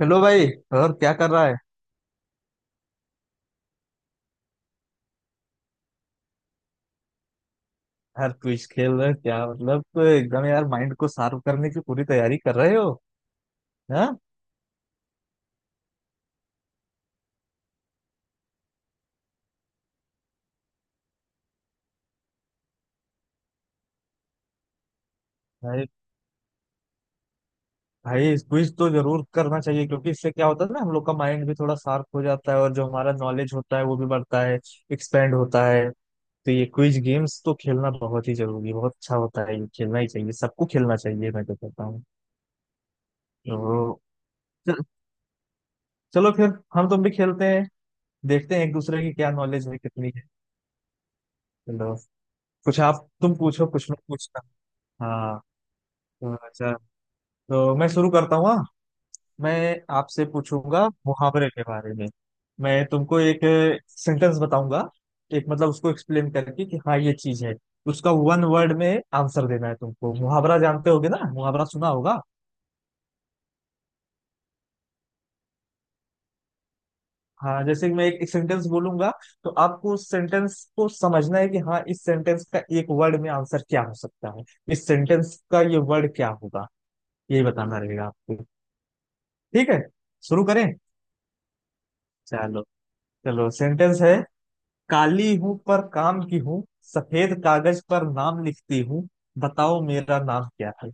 Hello भाई। और क्या कर रहा है। यार, क्विज खेल रहे हैं क्या? मतलब तो एकदम यार, माइंड को शार्प करने की पूरी तैयारी कर रहे हो। हाँ भाई। भाई, क्विज तो जरूर करना चाहिए, क्योंकि इससे क्या होता है ना, हम लोग का माइंड भी थोड़ा शार्प हो जाता है, और जो हमारा नॉलेज होता है वो भी बढ़ता है, एक्सपेंड होता है। तो ये क्विज गेम्स तो खेलना बहुत ही जरूरी, बहुत अच्छा होता है ये, खेलना ही चाहिए, सबको खेलना चाहिए मैं तो कहता हूँ। तो चल- चलो फिर, हम तुम भी खेलते हैं, देखते हैं एक दूसरे की क्या नॉलेज है, कितनी है। चलो, कुछ आप तुम पूछो, कुछ मैं पूछता हूँ। हाँ। तो अच्छा, तो मैं शुरू करता हूँ, हाँ? मैं आपसे पूछूंगा मुहावरे के बारे में। मैं तुमको एक सेंटेंस बताऊंगा, एक मतलब उसको एक्सप्लेन करके कि हाँ ये चीज है, उसका वन वर्ड में आंसर देना है तुमको। मुहावरा जानते होगे ना, मुहावरा सुना होगा। हाँ, जैसे कि मैं एक सेंटेंस बोलूंगा, तो आपको उस सेंटेंस को समझना है कि हाँ, इस सेंटेंस का एक वर्ड में आंसर क्या हो सकता है, इस सेंटेंस का ये वर्ड क्या होगा, यही बताना रहेगा आपको। ठीक है, शुरू करें। चलो। चलो, सेंटेंस है। काली हूं पर काम की हूँ, सफेद कागज पर नाम लिखती हूँ, बताओ मेरा नाम क्या है।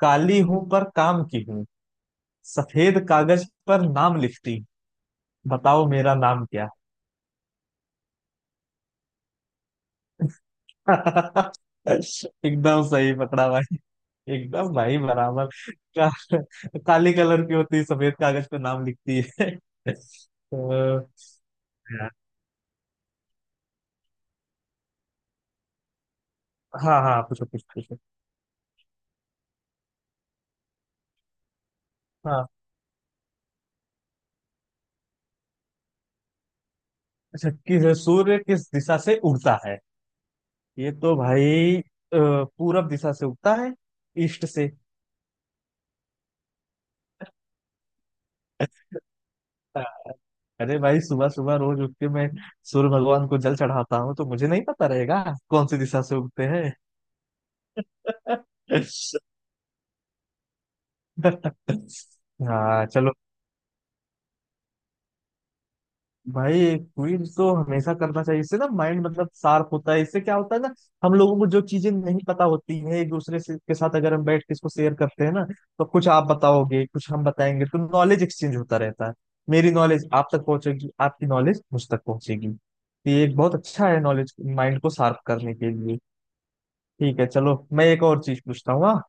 काली हूं पर काम की हूँ, सफेद कागज पर नाम लिखती हूँ, बताओ मेरा नाम क्या है। एकदम सही पकड़ा भाई। एकदम भाई, बराबर। का, काली कलर की होती है, सफेद कागज पर नाम लिखती है। तो, हाँ हाँ, पूछो पूछो पूछो। हाँ, अच्छा, किस सूर्य, किस दिशा से उगता है। ये तो भाई अ, पूरब दिशा से उगता है, ईस्ट से। हाँ, अरे भाई, सुबह सुबह रोज उठ के मैं सूर्य भगवान को जल चढ़ाता हूँ, तो मुझे नहीं पता रहेगा कौन सी दिशा से उगते हैं। हाँ, चलो। भाई, क्विज तो हमेशा करना चाहिए, इससे ना माइंड मतलब शार्प होता है, इससे क्या होता है ना, हम लोगों को जो चीजें नहीं पता होती हैं, एक दूसरे से के साथ अगर हम बैठ के इसको शेयर करते हैं ना, तो कुछ आप बताओगे कुछ हम बताएंगे, तो नॉलेज एक्सचेंज होता रहता है। मेरी नॉलेज आप तक पहुंचेगी, आपकी नॉलेज मुझ तक पहुंचेगी, तो ये एक बहुत अच्छा है नॉलेज माइंड को शार्प करने के लिए। ठीक है, चलो, मैं एक और चीज पूछता हूँ, हाँ?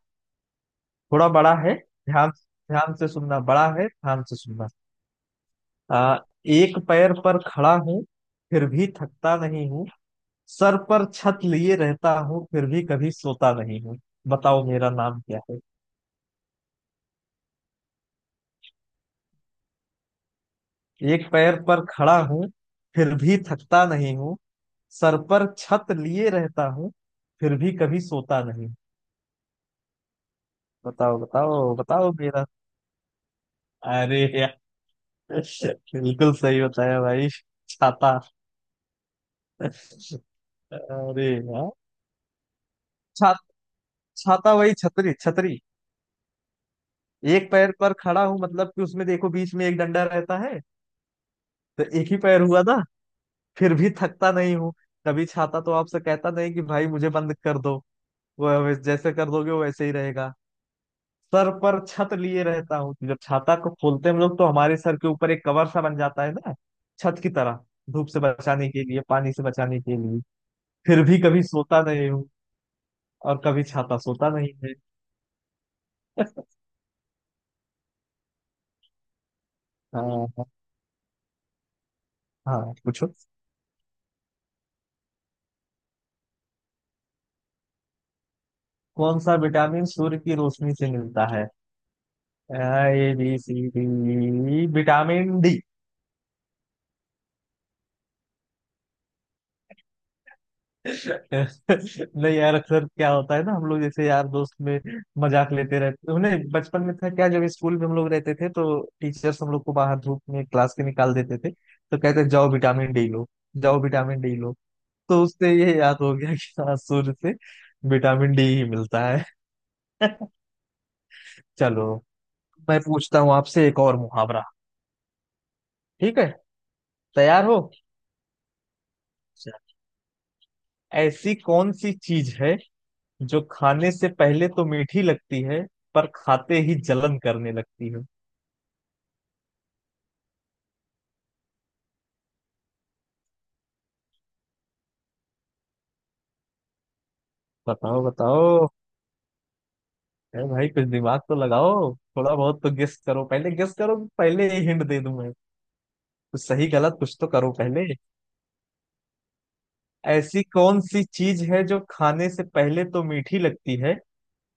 थोड़ा बड़ा है, ध्यान ध्यान से सुनना, बड़ा है, ध्यान से सुनना। आ, एक पैर पर खड़ा हूँ, फिर भी थकता नहीं हूँ, सर पर छत लिए रहता हूँ, फिर भी कभी सोता नहीं हूँ, बताओ मेरा नाम क्या है। एक पैर पर खड़ा हूँ, फिर भी थकता नहीं हूँ, सर पर छत लिए रहता हूँ, फिर भी कभी सोता नहीं हूँ। बताओ बताओ बताओ मेरा। अरे यार, बिल्कुल सही बताया भाई, छाता। अरे यार, छा, छाता, वही छतरी छतरी। एक पैर पर खड़ा हूँ, मतलब कि उसमें देखो बीच में एक डंडा रहता है, तो एक ही पैर हुआ ना। फिर भी थकता नहीं हूँ, कभी छाता तो आपसे कहता नहीं कि भाई मुझे बंद कर दो, वो जैसे कर दोगे वो वैसे ही रहेगा। सर पर छत लिए रहता हूँ, तो जब छाता को खोलते हैं हम लोग, तो हमारे सर के ऊपर एक कवर सा बन जाता है ना, छत की तरह, धूप से बचाने के लिए, पानी से बचाने के लिए। फिर भी कभी सोता नहीं हूँ, और कभी छाता सोता नहीं है। हाँ हाँ, पूछो। कौन सा विटामिन सूर्य की रोशनी से मिलता है। A B C D, vitamin D. नहीं यार, अक्सर क्या होता है ना, हम लोग जैसे यार दोस्त में मजाक लेते रहते उन्हें, बचपन में था क्या, जब स्कूल में हम लोग रहते थे, तो टीचर्स हम लोग को बाहर धूप में क्लास के निकाल देते थे, तो कहते जाओ विटामिन डी लो, जाओ विटामिन डी लो। तो उससे ये याद हो गया कि हाँ, सूर्य से विटामिन डी ही मिलता है। चलो, मैं पूछता हूँ आपसे एक और मुहावरा, ठीक है, तैयार हो। चलो। ऐसी कौन सी चीज है, जो खाने से पहले तो मीठी लगती है, पर खाते ही जलन करने लगती है। बताओ बताओ। अरे भाई, कुछ दिमाग तो लगाओ, थोड़ा बहुत तो गेस करो, पहले गेस करो, कि पहले ही हिंट दे दूं मैं। कुछ सही गलत कुछ तो करो पहले। ऐसी कौन सी चीज है, जो खाने से पहले तो मीठी लगती है,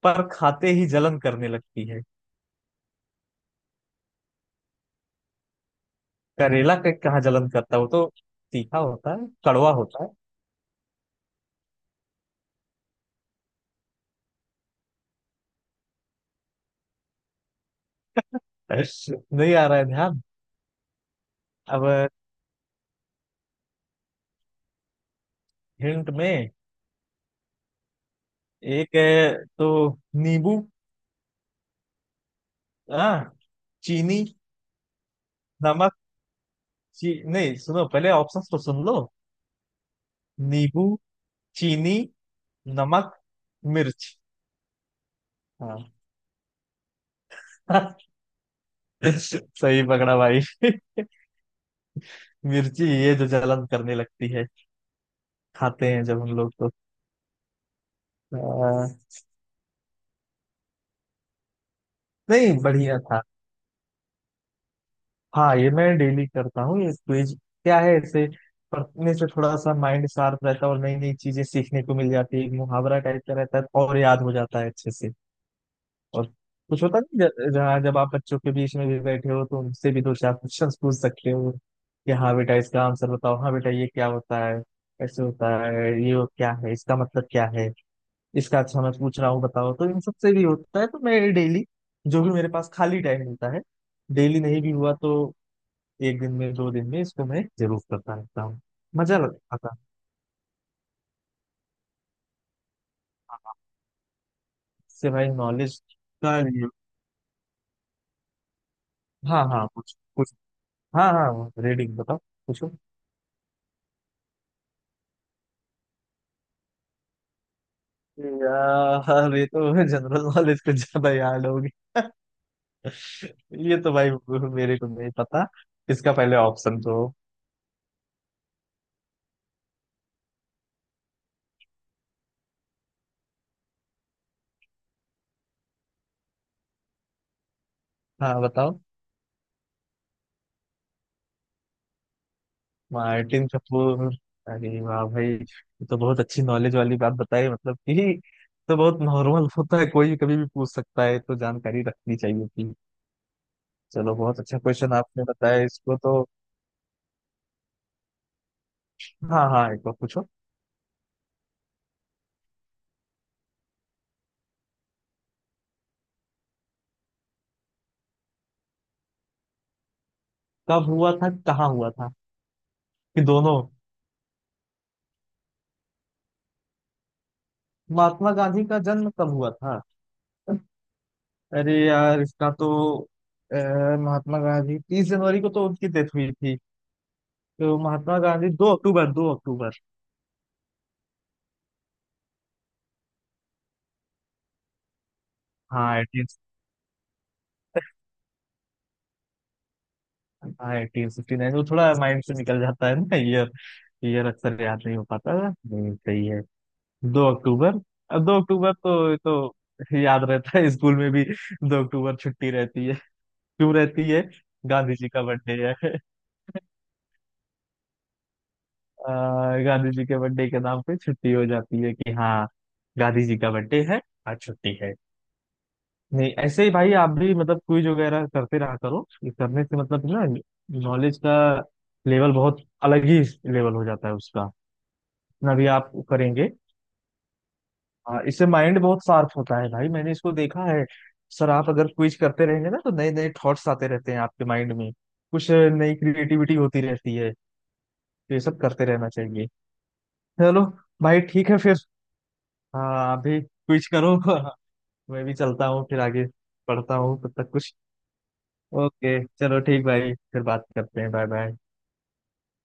पर खाते ही जलन करने लगती है। करेला के कहाँ जलन करता है? वो तो तीखा होता है, कड़वा होता है। नहीं आ रहा है ध्यान। अब हिंट में, एक है तो नींबू, हाँ, चीनी, नमक। ची नहीं, सुनो, पहले ऑप्शंस तो सुन लो। नींबू, चीनी, नमक, मिर्च। हाँ। सही पकड़ा भाई। मिर्ची, ये जो जलन करने लगती है, खाते हैं जब हम लोग तो। आ, नहीं, बढ़िया था। हाँ, ये मैं डेली करता हूँ ये क्विज, क्या है ऐसे पढ़ने से थोड़ा सा माइंड शार्प रहता है, और नई नई चीजें सीखने को मिल जाती है, एक मुहावरा टाइप का रहता है और याद हो जाता है अच्छे से। और कुछ होता नहीं, जहाँ जब आप बच्चों के बीच में भी बैठे हो, तो उनसे भी दो चार क्वेश्चन पूछ सकते हो, कि हाँ बेटा इसका आंसर बताओ, हाँ बेटा ये क्या होता है, ऐसे होता है ये, वो क्या है, इसका मतलब क्या है, इसका। अच्छा मैं पूछ रहा हूँ बताओ, तो इन सब से भी होता है, तो मैं डेली जो भी मेरे पास खाली टाइम मिलता है, डेली नहीं भी हुआ तो एक दिन में 2 दिन में इसको मैं जरूर करता रहता हूँ। मजा आता है। हाँ, हाँ, इससे भाई नॉलेज का। हाँ हाँ, कुछ कुछ। हाँ हाँ, रीडिंग बताओ कुछ। यार, ये तो जनरल नॉलेज कुछ ज्यादा याद होगी। ये तो भाई, मेरे को नहीं पता, इसका पहले ऑप्शन तो। हाँ, बताओ। मार्टिन कपूर। अरे वाह भाई, ये तो बहुत अच्छी नॉलेज वाली बात बताई, मतलब कि तो बहुत नॉर्मल होता है, कोई भी कभी भी पूछ सकता है, तो जानकारी रखनी चाहिए थी। चलो, बहुत अच्छा क्वेश्चन आपने बताया इसको तो। हाँ हाँ, एक बार पूछो। कब हुआ था, कहाँ हुआ था, कि दोनों? महात्मा गांधी का जन्म कब हुआ था? अरे यार, इसका तो अ, महात्मा गांधी 30 जनवरी को तो उनकी डेथ हुई थी। तो महात्मा गांधी, 2 अक्टूबर, 2 अक्टूबर। हाँ एटीन, हाँ 1869, वो थोड़ा माइंड से निकल जाता है ना ईयर, ईयर अक्सर याद नहीं हो पाता है। सही है। 2 अक्टूबर, अब 2 अक्टूबर तो ये तो याद रहता है, स्कूल में भी 2 अक्टूबर छुट्टी रहती है। क्यों रहती है? गांधी जी का बर्थडे है। गांधी जी के बर्थडे के नाम पे छुट्टी हो जाती है, कि हाँ गांधी जी का बर्थडे है, आज छुट्टी है। नहीं, ऐसे ही भाई, आप भी मतलब क्विज वगैरह करते रहा करो, ये करने से मतलब ना नॉलेज का लेवल बहुत अलग ही लेवल हो जाता है उसका, इतना भी आप करेंगे। हाँ, इससे माइंड बहुत शार्प होता है भाई, मैंने इसको देखा है। सर, आप अगर क्विज करते रहेंगे ना, तो नए नए थॉट्स आते रहते हैं आपके माइंड में, कुछ नई क्रिएटिविटी होती रहती है, तो ये सब करते रहना चाहिए। चलो भाई, ठीक है फिर। हाँ, आप भी क्विज करो। मैं भी चलता हूँ, फिर आगे पढ़ता हूँ तब तक कुछ। ओके, चलो ठीक भाई, फिर बात करते हैं। Bye bye.